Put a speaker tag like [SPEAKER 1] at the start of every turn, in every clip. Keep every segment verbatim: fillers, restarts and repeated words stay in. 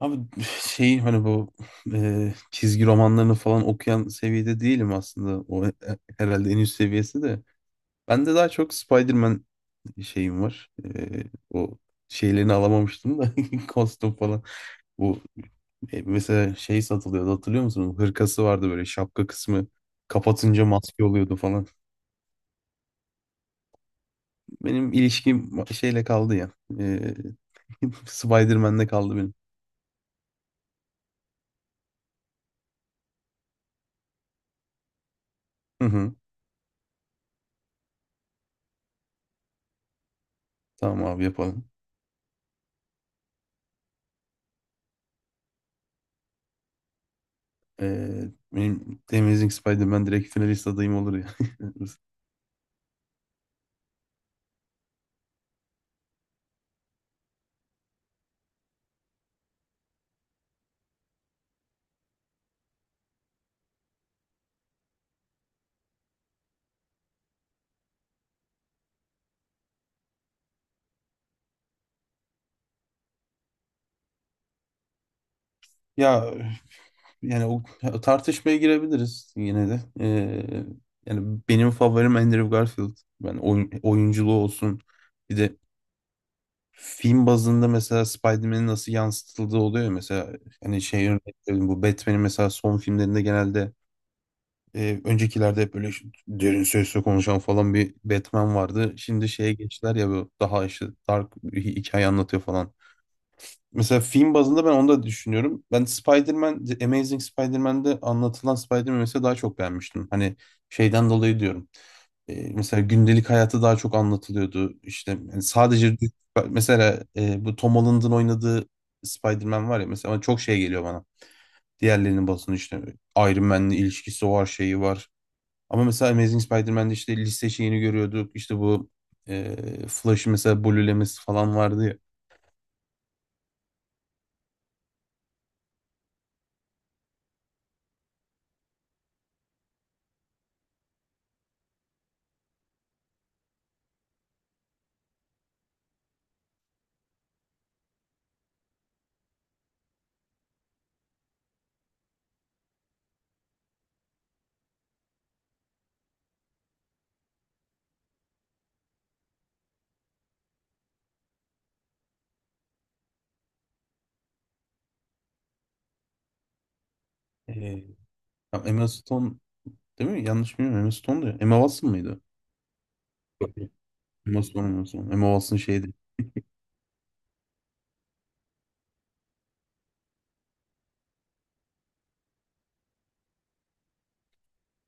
[SPEAKER 1] Abi şey hani bu e, çizgi romanlarını falan okuyan seviyede değilim aslında. O e- e- herhalde en üst seviyesi de. Ben de daha çok Spider-Man şeyim var. E, o şeylerini alamamıştım da kostüm falan. Bu e, mesela şey satılıyordu hatırlıyor musun? Hırkası vardı böyle şapka kısmı kapatınca maske oluyordu falan. Benim ilişkim şeyle kaldı ya. E, Spider-Man'le kaldı benim. Hı hı. Tamam abi yapalım. Ee, benim Amazing Spider-Man direkt finalist adayım olur ya. Ya yani o o tartışmaya girebiliriz yine de. Ee, yani benim favorim Andrew Garfield. Ben oyun, oyunculuğu olsun. Bir de film bazında mesela Spider-Man'in nasıl yansıtıldığı oluyor ya. Mesela hani şey örnek vereyim, bu Batman'in mesela son filmlerinde genelde e, öncekilerde hep böyle derin sesle konuşan falan bir Batman vardı. Şimdi şeye geçtiler ya bu daha işte dark bir hikaye anlatıyor falan. Mesela film bazında ben onu da düşünüyorum. Ben Spider-Man, The Amazing Spider-Man'de anlatılan Spider-Man'i mesela daha çok beğenmiştim. Hani şeyden dolayı diyorum. E, mesela gündelik hayatı daha çok anlatılıyordu. İşte yani sadece mesela e, bu Tom Holland'ın oynadığı Spider-Man var ya mesela ona çok şey geliyor bana. Diğerlerinin basını işte Iron Man'le ilişkisi var, şeyi var. Ama mesela Amazing Spider-Man'de işte liste şeyini görüyorduk. İşte bu e, Flash'ı mesela blue'lemesi falan vardı ya. E, Emma Stone değil mi? Yanlış bilmiyorum. Emma Stone'du ya. Emma Watson mıydı? Yok, yok. Emma Stone, Emma Stone. Emma Watson şeydi.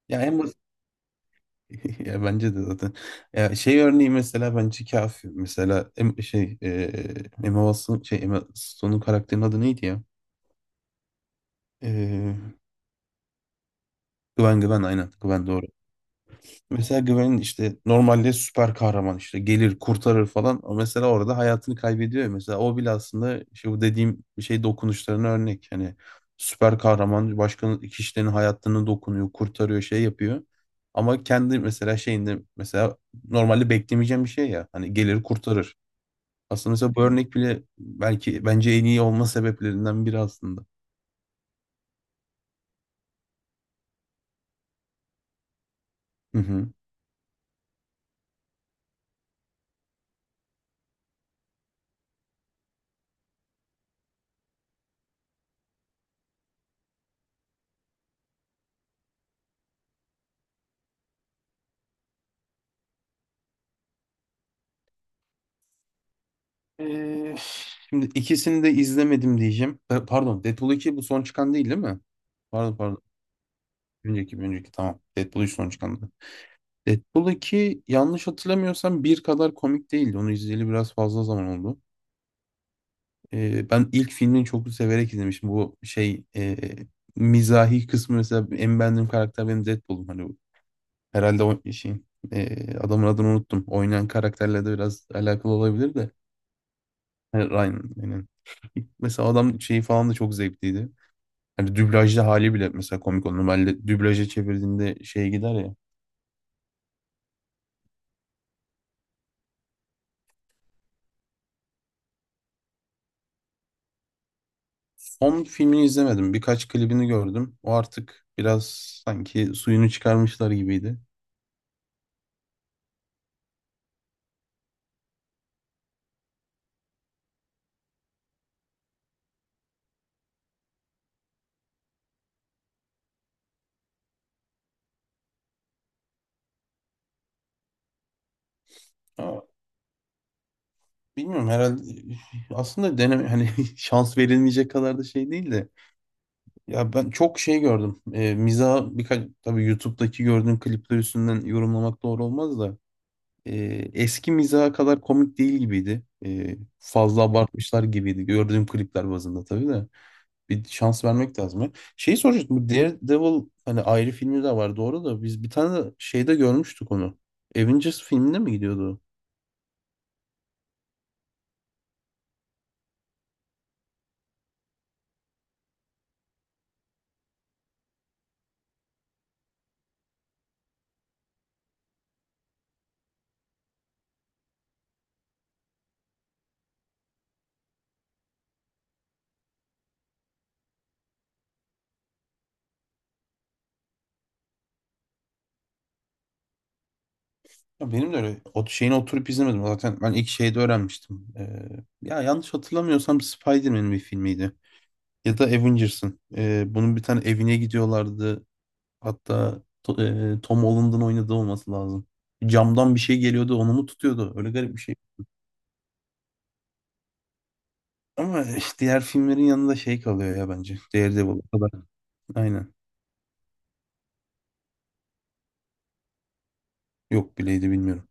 [SPEAKER 1] Ya en basit. Ya bence de zaten. Ya şey örneği mesela bence kafi. Mesela em- şey e, Emma Watson şey Emma Stone'un karakterinin adı neydi ya? E, Gwen Gwen aynen. Gwen doğru. Mesela Gwen'in işte normalde süper kahraman işte gelir kurtarır falan. O mesela orada hayatını kaybediyor ya. Mesela o bile aslında işte bu dediğim şey dokunuşlarına örnek. Hani süper kahraman başka kişilerin hayatını dokunuyor, kurtarıyor, şey yapıyor. Ama kendi mesela şeyinde mesela normalde beklemeyeceğim bir şey ya. Hani gelir kurtarır. Aslında mesela bu örnek bile belki bence en iyi olma sebeplerinden biri aslında. Hı hı. Şimdi ikisini de izlemedim diyeceğim. Pa- Pardon, Deadpool iki bu son çıkan değil değil mi? Pardon pardon. Önceki, bir önceki, tamam. Deadpool üç son çıkandı. Deadpool iki yanlış hatırlamıyorsam bir kadar komik değildi. Onu izleyeli biraz fazla zaman oldu. Ee, ben ilk filmini çok severek izlemiştim. Bu şey e, mizahi kısmı mesela en beğendiğim karakter benim Deadpool'um. Hani bu- herhalde o şey e, adamın adını unuttum. Oynayan karakterle de biraz alakalı olabilir de. Yani Ryan aynen. Mesela adam şeyi falan da çok zevkliydi. Hani dublajda hali bile mesela komik oldu. Normalde dublaja çevirdiğinde şey gider ya. Onun filmini izlemedim. Birkaç klibini gördüm. O artık biraz sanki suyunu çıkarmışlar gibiydi. Ama bilmiyorum herhalde aslında deneme hani şans verilmeyecek kadar da şey değil de ya ben çok şey gördüm. E, miza birkaç tabii YouTube'daki gördüğüm klipler üstünden yorumlamak doğru olmaz da e, eski miza kadar komik değil gibiydi. E, fazla abartmışlar gibiydi. Gördüğüm klipler bazında tabii de. Bir şans vermek lazım ya. Şeyi soracaktım. Bu Daredevil hani ayrı filmi de var doğru da biz bir tane de şeyde görmüştük onu. Avengers filminde mi gidiyordu o? Ya benim de öyle o şeyini oturup izlemedim. Zaten ben ilk şeyde öğrenmiştim. Ee, ya yanlış hatırlamıyorsam Spider-Man'in bir filmiydi. Ya da Avengers'ın. Ee, bunun bir tane evine gidiyorlardı. Hatta to- e, Tom Holland'ın oynadığı olması lazım. Camdan bir şey geliyordu, onu mu tutuyordu? Öyle garip bir şey. Ama işte diğer filmlerin yanında şey kalıyor ya bence. Daredevil o kadar. Aynen. Yok bileydi bilmiyorum.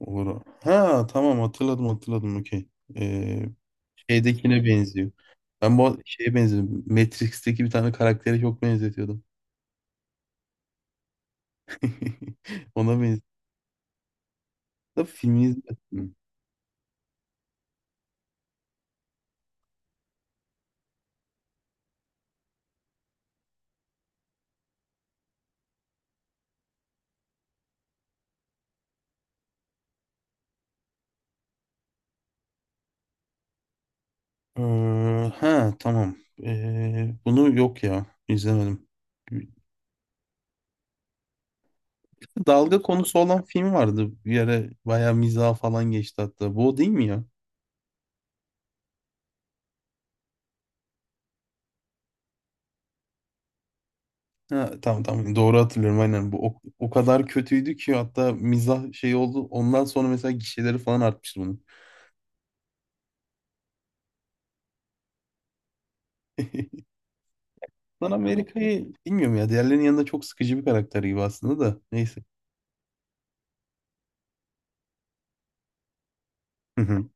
[SPEAKER 1] Olur. Ha tamam, hatırladım hatırladım okey. Ee, şeydekine benziyor. Ben bu şeye benziyorum. Matrix'teki bir tane karaktere çok benzetiyordum. Ona benziyor. Da filmi izledim. Ee, ha tamam. Ee, bunu yok ya izlemedim. Dalga konusu olan film vardı. Bir ara bayağı mizah falan geçti hatta. Bu o değil mi ya? Ha, tamam tamam doğru hatırlıyorum aynen, bu o, o kadar kötüydü ki hatta mizah şey oldu, ondan sonra mesela gişeleri falan artmıştı bunun. Lan Amerika'yı bilmiyorum ya, diğerlerinin yanında çok sıkıcı bir karakter gibi aslında da neyse. Hı hı.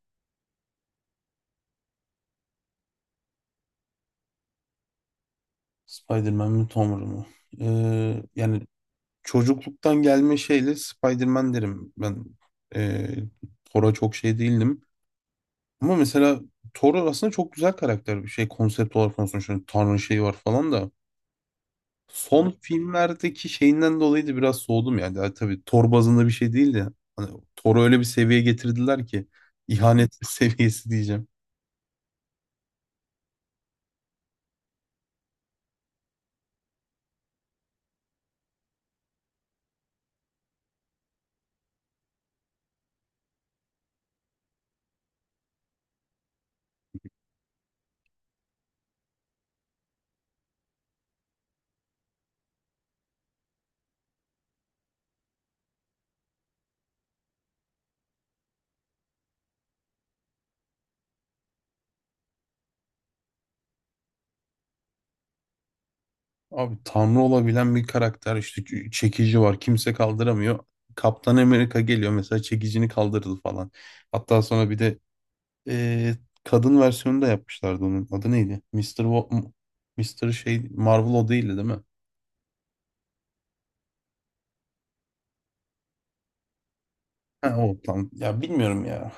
[SPEAKER 1] Spider-Man mi Tom Holland mı? Ee, yani çocukluktan gelme şeyle Spider-Man derim ben. Ee, Thor'a çok şey değildim ama mesela Thor aslında çok güzel karakter bir şey, konsept olarak konuşuyorum. Tanrı şeyi var falan da. Son filmlerdeki şeyinden dolayı da biraz soğudum yani. Yani tabii Thor bazında bir şey değil de hani Thor'u öyle bir seviyeye getirdiler ki ihanet seviyesi diyeceğim. Abi tanrı olabilen bir karakter, işte ç- çekici var kimse kaldıramıyor. Kaptan Amerika geliyor mesela, çekicini kaldırdı falan. Hatta sonra bir de eee, kadın versiyonu da yapmışlardı onun. Adı neydi? Mister Wo- mister şey Marvel o değildi değil mi? Ha, o tam. Ya bilmiyorum ya.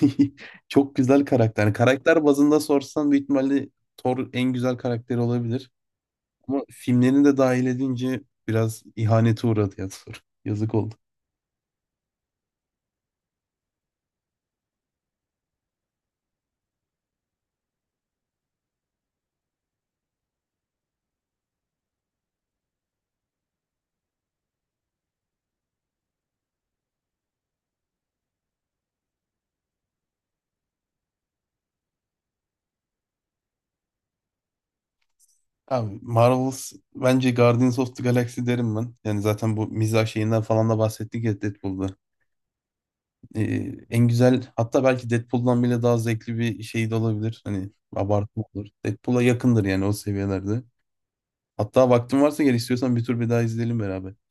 [SPEAKER 1] Çok güzel karakter. Yani karakter bazında sorsan büyük ihtimalle Thor en güzel karakteri olabilir. Ama filmlerini de dahil edince biraz ihanete uğradı ya Thor. Yazık oldu. Abi Marvel's bence Guardians of the Galaxy derim ben. Yani zaten bu mizah şeyinden falan da bahsettik ya Deadpool'da. Ee, en güzel, hatta belki Deadpool'dan bile daha zevkli bir şey de olabilir. Hani abartma olur. Deadpool'a yakındır yani o seviyelerde. Hatta vaktin varsa, gel istiyorsan bir tur bir daha izleyelim beraber.